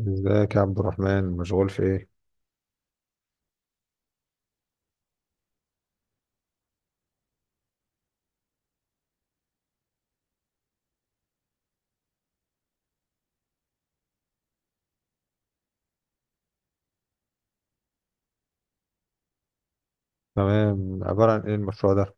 ازيك يا عبد الرحمن، مشغول في ايه؟ تمام، عبارة عن ايه المشروع ده؟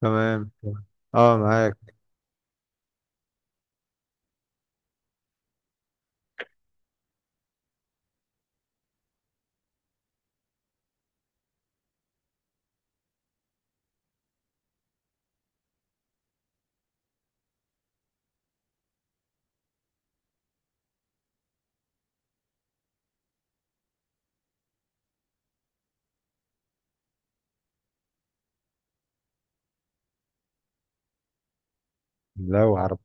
تمام، اه معاك. لو عرب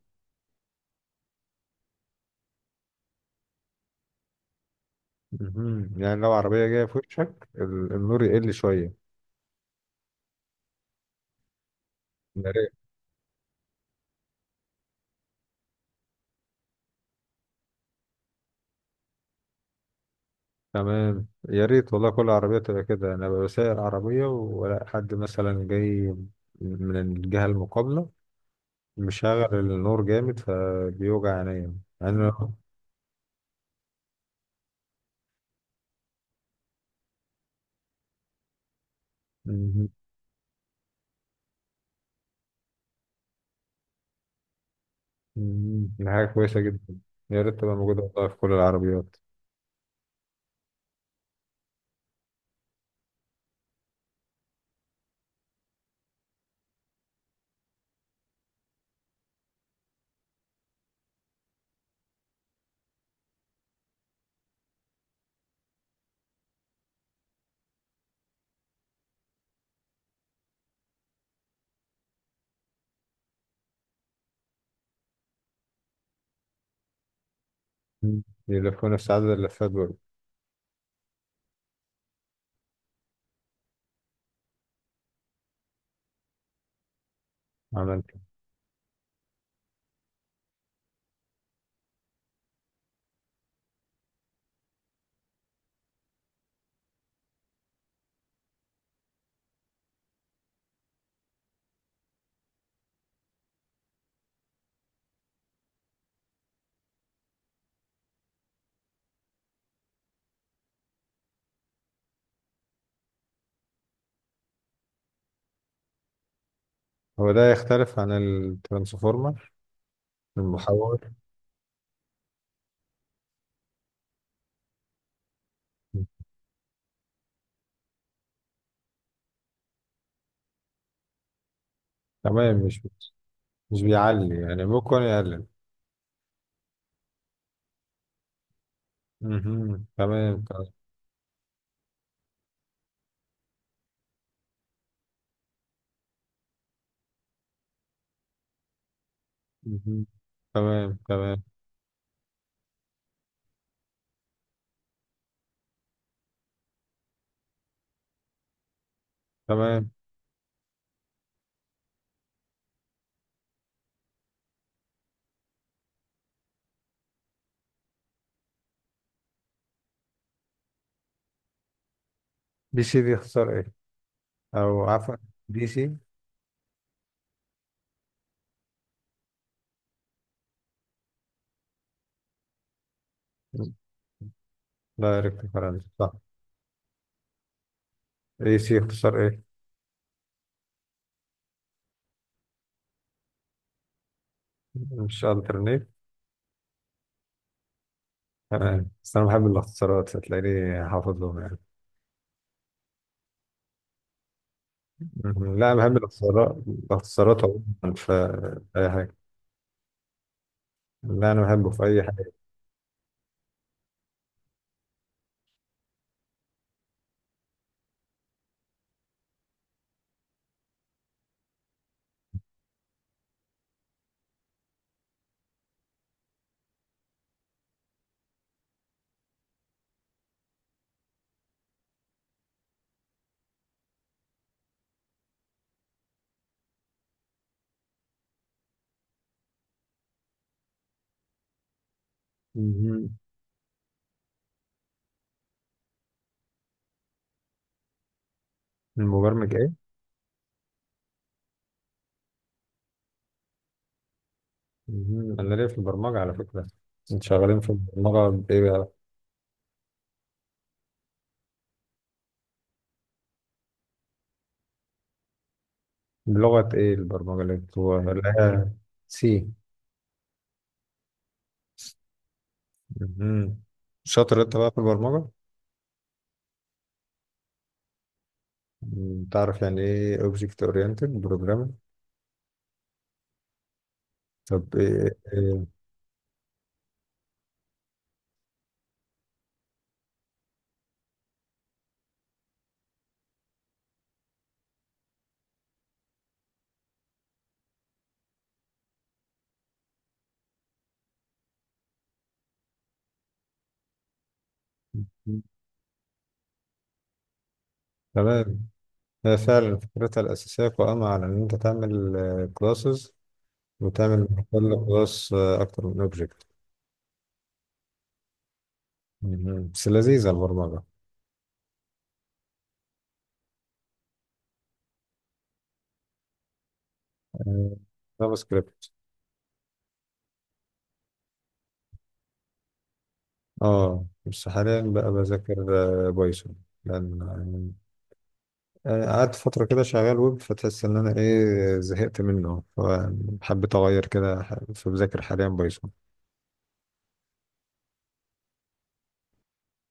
مهم. يعني لو عربية جاية في وشك النور يقل شوية. يا ريت. تمام، يا ريت والله كل عربية تبقى كده. انا ببقى سايق عربية ولا حد مثلا جاي من الجهة المقابلة مشغل النور جامد فبيوجع عينيا. يعني مهم. مهم. دي حاجة كويسة جدا. يا ريت تبقى موجودة والله في كل العربيات. مهم. يلفونا في سعادة اللفات برضه. عملت؟ هو ده يختلف عن الترانسفورمر، المحول؟ تمام. مش بيعلي يعني، ممكن يقلل. مهم. تمام، تمام. مهم. تمام، تمام، تمام. دي سي، دي اختصار ايه؟ او عفوا، دي سي. دايركت كرنت، صح؟ اي سي اختصار ايه؟ مش الترنيت؟ تمام. بس انا بحب الاختصارات، هتلاقيني حافظ لهم يعني. مهم. لا، انا بحب الاختصارات عموما في اي حاجه. لا، انا بحبه في اي حاجه. مهم. المبرمج؟ مهم. انا ليا في البرمجه على فكره. انت شغالين في البرمجه بايه بقى؟ بلغه ايه البرمجه اللي هي؟ سي. مهم. شاطر انت بقى في البرمجه. مم. تعرف يعني ايه اوبجكت اورينتد بروجرامينج؟ طب إيه. مم. تمام. هي فعلا فكرتها الاساسيه قائمه على ان انت تعمل كلاسز، وتعمل من كل كلاس اكتر من اوبجكت. بس لذيذه البرمجه. جافا سكريبت. اه بس حاليا بقى بذاكر بايثون. لان يعني قعدت فترة كده شغال ويب فتحس ان انا ايه زهقت منه فحبيت اغير كده فبذاكر حاليا بايثون.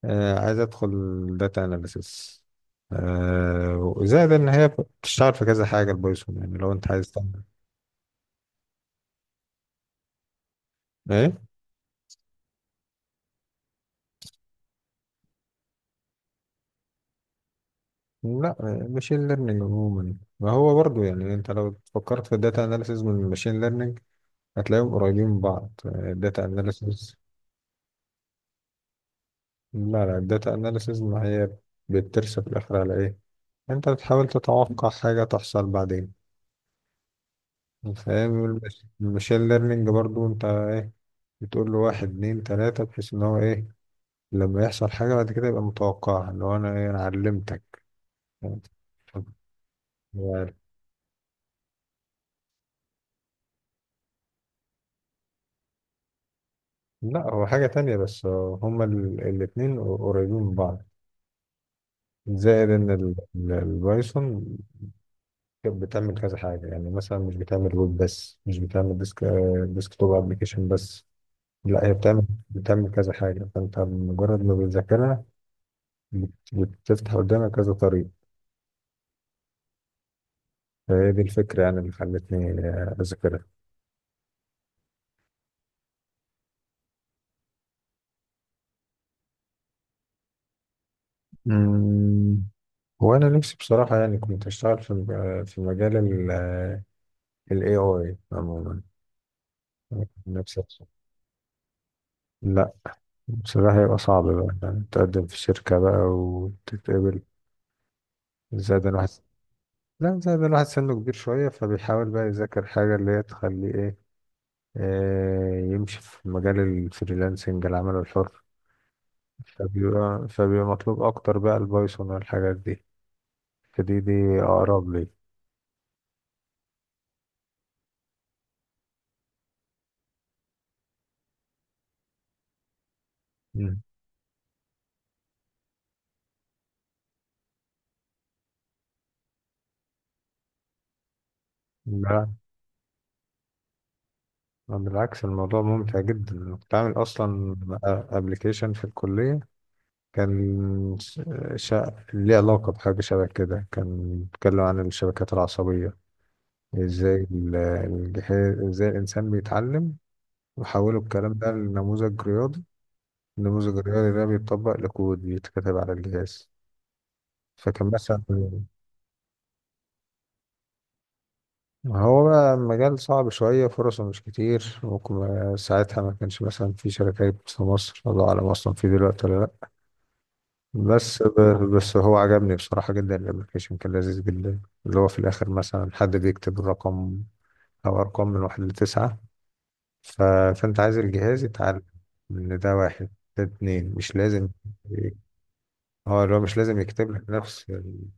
عايز ادخل داتا اناليسيس. وزائد ان هي بتشتغل في كذا حاجة البايثون، يعني لو انت عايز تعمل ايه. لا، ماشين ليرنينج عموما ما هو برضو، يعني انت لو فكرت في الداتا اناليسيس من الماشين ليرنينج هتلاقيهم قريبين من بعض، الداتا اناليسيس. لا، لا، الداتا اناليسيز ما هي بترسى في الاخر على ايه؟ انت بتحاول تتوقع حاجه تحصل بعدين. فاهم. المشين ليرنينج برضو انت ايه، بتقول له واحد اتنين تلاته بحيث ان هو ايه، لما يحصل حاجه بعد كده يبقى متوقعها، اللي هو انا ايه، انا علمتك يعني. لا هو حاجه تانية، بس هما الاتنين قريبين من بعض. زائد ان البايثون كانت بتعمل كذا حاجه، يعني مثلا مش بتعمل ويب بس، مش بتعمل ديسك توب ابلكيشن بس. لا، هي بتعمل كذا حاجة، فأنت مجرد ما بتذاكرها بتفتح قدامك كذا طريق. فهي دي الفكرة، يعني اللي خلتني أذاكرها. امم. وأنا نفسي بصراحة، يعني كنت أشتغل في مجال ال AI عموما. نفسي أدخل. لا، بصراحة يبقى صعب بقى، يعني تقدم في شركة بقى وتتقبل. زائد الواحد لا، زائد الواحد سنه كبير شوية، فبيحاول بقى يذاكر حاجة اللي هي تخليه إيه، يمشي في مجال الفريلانسنج، العمل الحر. فبيبقى مطلوب أكتر بقى البايثون والحاجات دي. فدي أقرب لي. مم. لا، بالعكس الموضوع ممتع جدا. أنا كنت عامل أصلا أبلكيشن في الكلية، كان ليه علاقة بحاجة شبه كده، كان بيتكلم عن الشبكات العصبية، ازاي الجهاز، ازاي الإنسان بيتعلم. وحولوا الكلام ده لنموذج رياضي. نموذج الرياضي ده بيتطبق لكود بيتكتب على الجهاز. فكان مثلا. هو بقى مجال صعب شوية، فرصه مش كتير، ممكن ساعتها ما كانش مثلا في شركات في مصر، الله أعلم أصلا في دلوقتي ولا لأ. بس هو عجبني بصراحة جدا، الأبلكيشن كان لذيذ جدا، اللي هو في الآخر مثلا حد بيكتب الرقم أو أرقام من واحد لتسعة. ف. فأنت عايز الجهاز يتعلم إن ده واحد، ده اتنين، مش لازم. اه، اللي هو مش لازم يكتب لك نفس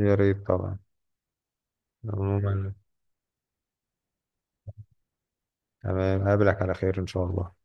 يا ريت طبعا. عموما. تمام، هقابلك على خير إن شاء الله.